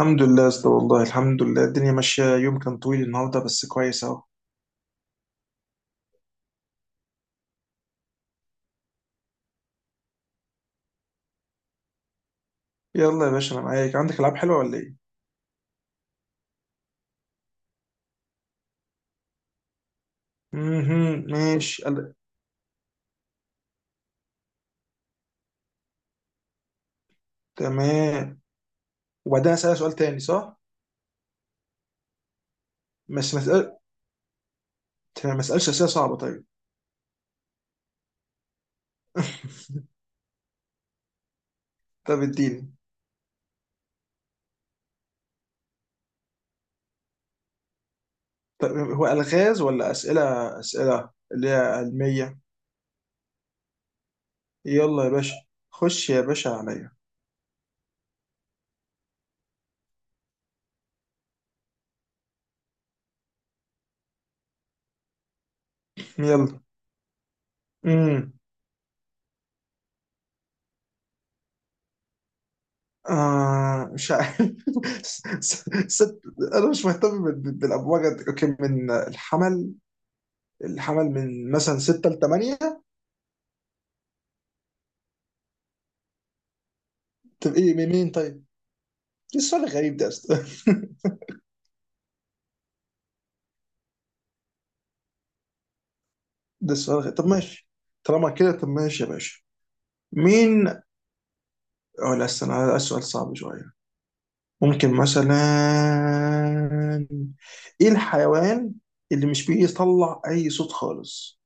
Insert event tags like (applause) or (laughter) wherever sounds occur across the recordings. الحمد لله يا اسطى، والله الحمد لله. الدنيا ماشية، يوم كان طويل النهاردة بس كويس اهو. يلا يا باشا، انا معاك. عندك العاب حلوة ولا ايه؟ اها ماشي. تمام. وبعدين اسألك سؤال تاني صح؟ بس ما اسأل ما اسألش اسئلة صعبة طيب. طب اديني. طب هو الغاز ولا اسئلة؟ اسئلة اللي هي علمية؟ يلا يا باشا، خش يا باشا عليا. يلا. امم مش عارف. (laughs) ست... انا مش مهتم بالابواج. اوكي، من الحمل. الحمل من مثلا 6 ل 8. طب ايه، من مين طيب؟ ايه السؤال الغريب ده يا اسطى؟ (laughs) ده السؤال الغريب، طب ماشي. طالما كده، طب ماشي يا باشا. مين؟ اه لا، استنى، ده السؤال صعب شوية. ممكن مثلا، ايه الحيوان اللي مش بيطلع اي صوت خالص؟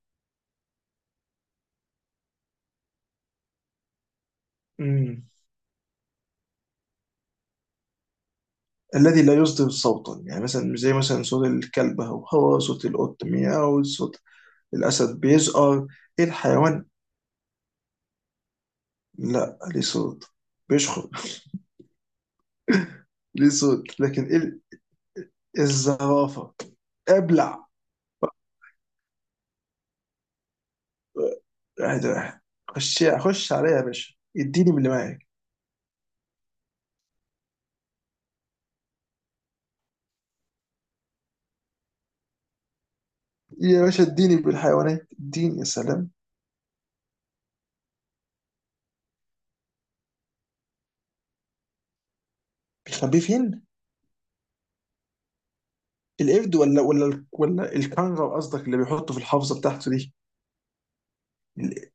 امم الذي لا يصدر صوتا. يعني مثلا، زي مثلا صوت الكلب، هو صوت القط مياو، صوت الاسد بيزقر. ايه الحيوان؟ لا، ليه صوت، بيشخر. ليه صوت، لكن ايه الزرافه. ابلع. واحد واحد. خش خش عليا يا باشا، اديني من اللي معاك. يا باشا اديني بالحيوانات، اديني يا سلام. بيخبيه فين؟ القرد ولا الكنغر، قصدك اللي بيحطه في الحافظه بتاعته دي؟ ال-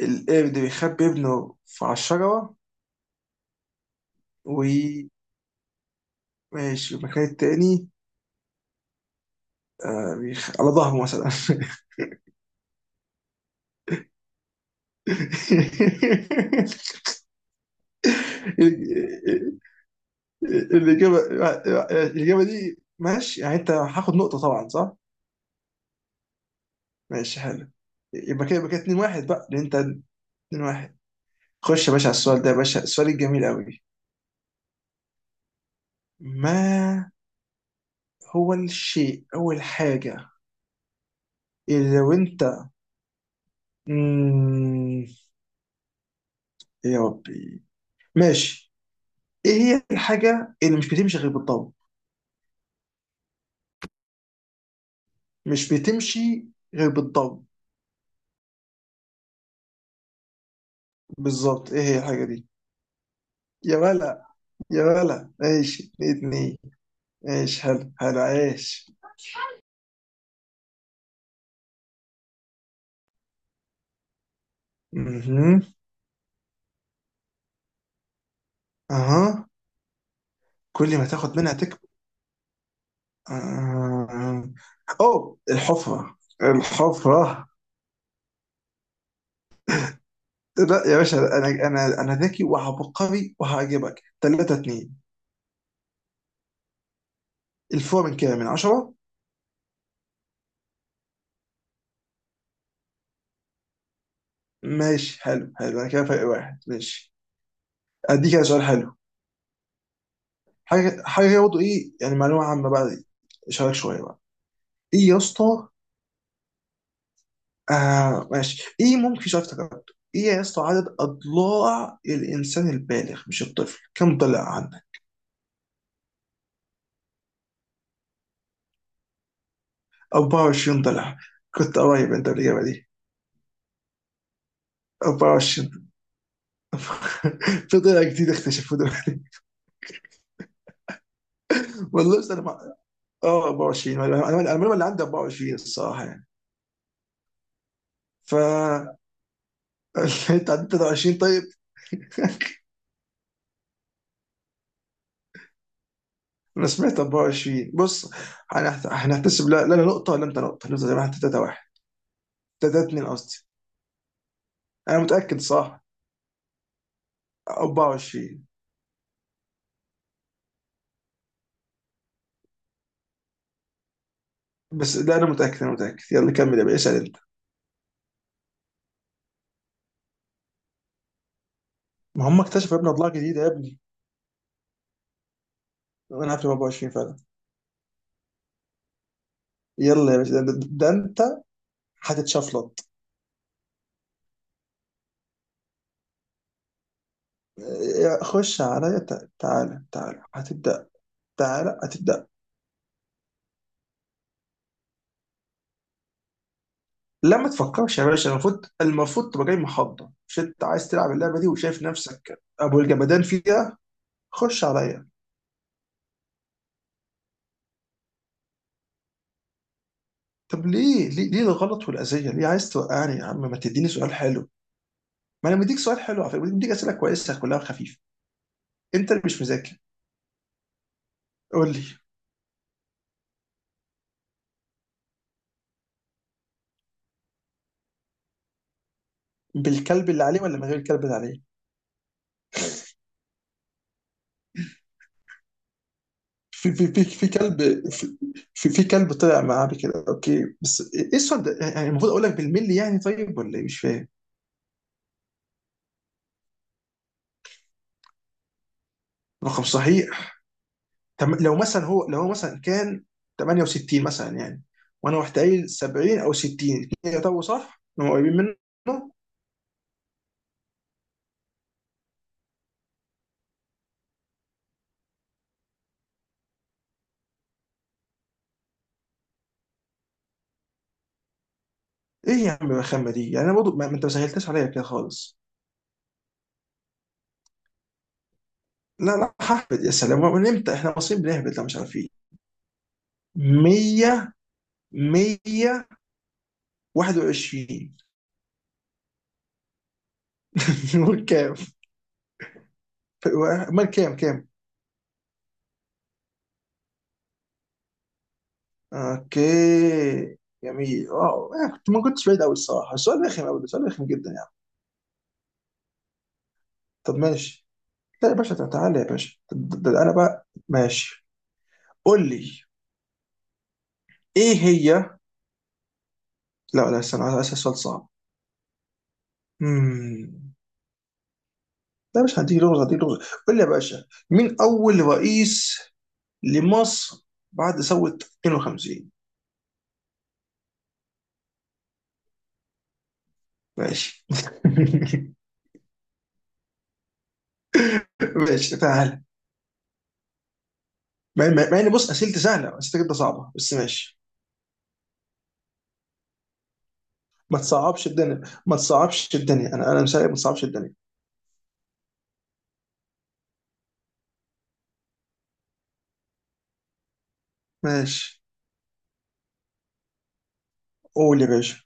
القرد بيخبي ابنه في، على الشجره. وماشي، المكان التاني. آه، على ظهره مثلا. (laughs) الإجابة الإجابة دي ماشي، يعني أنت هاخد نقطة طبعا صح؟ ماشي حلو. يبقى كده 2 1، بقى لأن أنت 2 1. خش يا باشا على السؤال ده، يا باشا السؤال الجميل قوي. ما هو الشيء أو الحاجة اللي لو أنت، مم... يا ربي، ماشي. إيه هي الحاجة اللي مش بتمشي غير بالضرب؟ مش بتمشي غير بالضرب، بالظبط. إيه هي الحاجة دي؟ يا ولا، يا ولا ماشي. اتنين اتنين. ماشي حلو حلو، عايش. مهم. اها. كل ما تاخد منها تكبر. آه. اوه، الحفرة! الحفرة! لا يا باشا، انا ذكي وعبقري وهعجبك. 3 2. الفور من كام، من 10؟ ماشي حلو حلو، انا كده فرق واحد، ماشي. اديك كده سؤال حلو. حاجه برضه، ايه يعني، معلومه عامه بقى دي. اشارك شويه بقى. ايه يا اسطى. ماشي، ايه ممكن، شايف تكتب. ايه يا اسطى، عدد اضلاع الانسان البالغ، مش الطفل، كم ضلع؟ 24 ضلع. كنت قريب انت بالاجابه دي. 24. (laughs) في ضلع جديد اكتشفوه دلوقتي. والله بس انا اه 24. انا المعلومه اللي عندي 24، الصراحه يعني. ف (laughs) انت عديت 23 طيب؟ (laughs) انا سمعت 24، بص. هنحتسب. لا لا، أنا نقطه ولا انت نقطه؟ نفضل زي ما احنا، 3 1. 3 2 قصدي. انا متاكد، صح، 24. بس لا، انا متاكد، انا متاكد. يلا كمل يا باشا، اسال انت. ما هم اكتشفوا يا ابني اضلاع جديده يا ابني. انا عارف إن 24 فعلا. يلا يا باشا، ده انت هتتشفلط. إيه، خش عليا. تعالى تعالى، هتبدأ. تعالى هتبدأ. لا ما تفكرش يا باشا، المفروض تبقى جاي محضر. مش انت عايز تلعب اللعبة دي وشايف نفسك ابو الجمدان فيها؟ خش عليا. طب ليه الغلط والأذية؟ ليه عايز توقعني يا عم؟ ما تديني سؤال حلو. ما انا مديك سؤال حلو على فكرة، مديك أسئلة كويسة كلها خفيفة، انت اللي مش مذاكر. قول لي. بالكلب اللي عليه ولا من غير الكلب اللي عليه؟ في كلب. في كلب طلع معاه بكده، اوكي. بس ايه السؤال ده يعني؟ المفروض اقول لك بالملي يعني، طيب ولا ايه؟ مش فاهم. رقم صحيح. لو هو مثلا كان 68 مثلا يعني، وانا رحت قايل 70 او 60، الاتنين يعتبروا صح، هم قريبين منه. ايه يا عم الرخامه دي يعني؟ انا برضه ما انت ما سهلتش عليا كده خالص. لا لا، ههبد، يا سلام! من امتى احنا مصريين بنهبد؟ لا، مش عارفين. 100. 121. وكام؟ (laughs) امال كام، كام؟ اوكي، جميل، واو. انا كنت ما كنتش بعيد قوي الصراحه. السؤال رخم قوي، السؤال رخم جدا يعني. طب ماشي. لا يا باشا، تعالى يا باشا. طب ده انا بقى، ماشي. قول لي. ايه هي لا لا، استنى، عايز اسال سؤال صعب. امم لا، مش هديك لغز. هديك لغز. قول لي يا باشا، مين اول رئيس لمصر بعد ثوره 52؟ ماشي. (laughs) ماشي، تعالى. مع ان، بص، اسئلتي سهله، اسئلتك انت صعبه، بس ماشي. ما تصعبش الدنيا، ما تصعبش الدنيا، انا مساعد، ما تصعبش الدنيا. ماشي. قول يا باشا.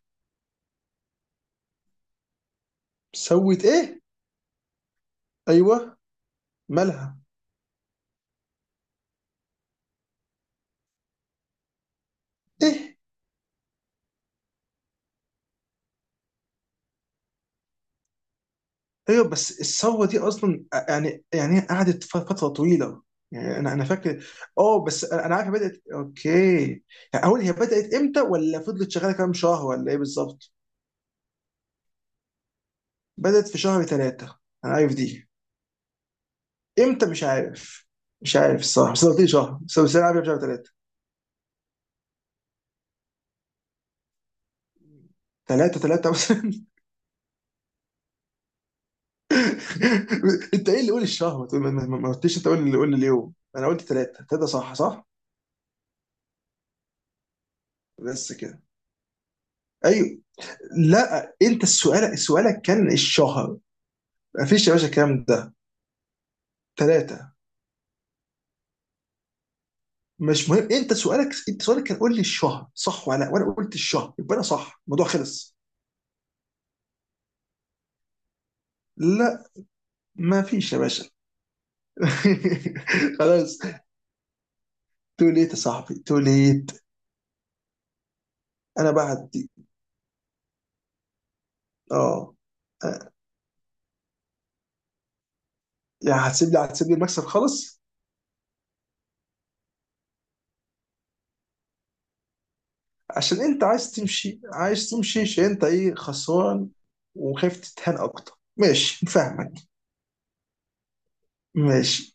سوت ايه؟ ايوه، مالها. ايه؟ ايوه. بس الثوره دي اصلا يعني هي قعدت فتره طويله. يعني انا فاكر. اه بس انا عارف هي بدات، اوكي. يعني اقول هي بدات امتى، ولا فضلت شغاله كام شهر، ولا ايه بالظبط؟ بدات في شهر ثلاثة. انا عارف دي. امتى؟ مش عارف. مش عارف الصراحه، بس أنا قلت لي شهر بس انا عارف شهر ثلاثة. ثلاثة ثلاثة بس. (laughs) (laughs) انت ايه اللي قول الشهر؟ ما تقول- ما- ما- ما قلتش انت قول اللي قول اليوم. انا قلت ثلاثة ثلاثة، صح صح. بس كده. ايوه. لا، انت السؤال سؤالك كان الشهر. ما فيش يا باشا الكلام ده. ثلاثة. مش مهم، انت سؤالك كان قول لي الشهر صح ولا لا، وانا قلت الشهر، يبقى انا صح، الموضوع خلص. لا، ما فيش يا باشا. (laughs) خلاص. تو ليت يا صاحبي، تو ليت. انا بعد دي. اه آه، يعني هتسيب لي المكسب خالص؟ عشان انت عايز تمشي، عايز تمشي عشان انت ايه، خسران، وخايف تتهان اكتر. ماشي، فاهمك. ماشي.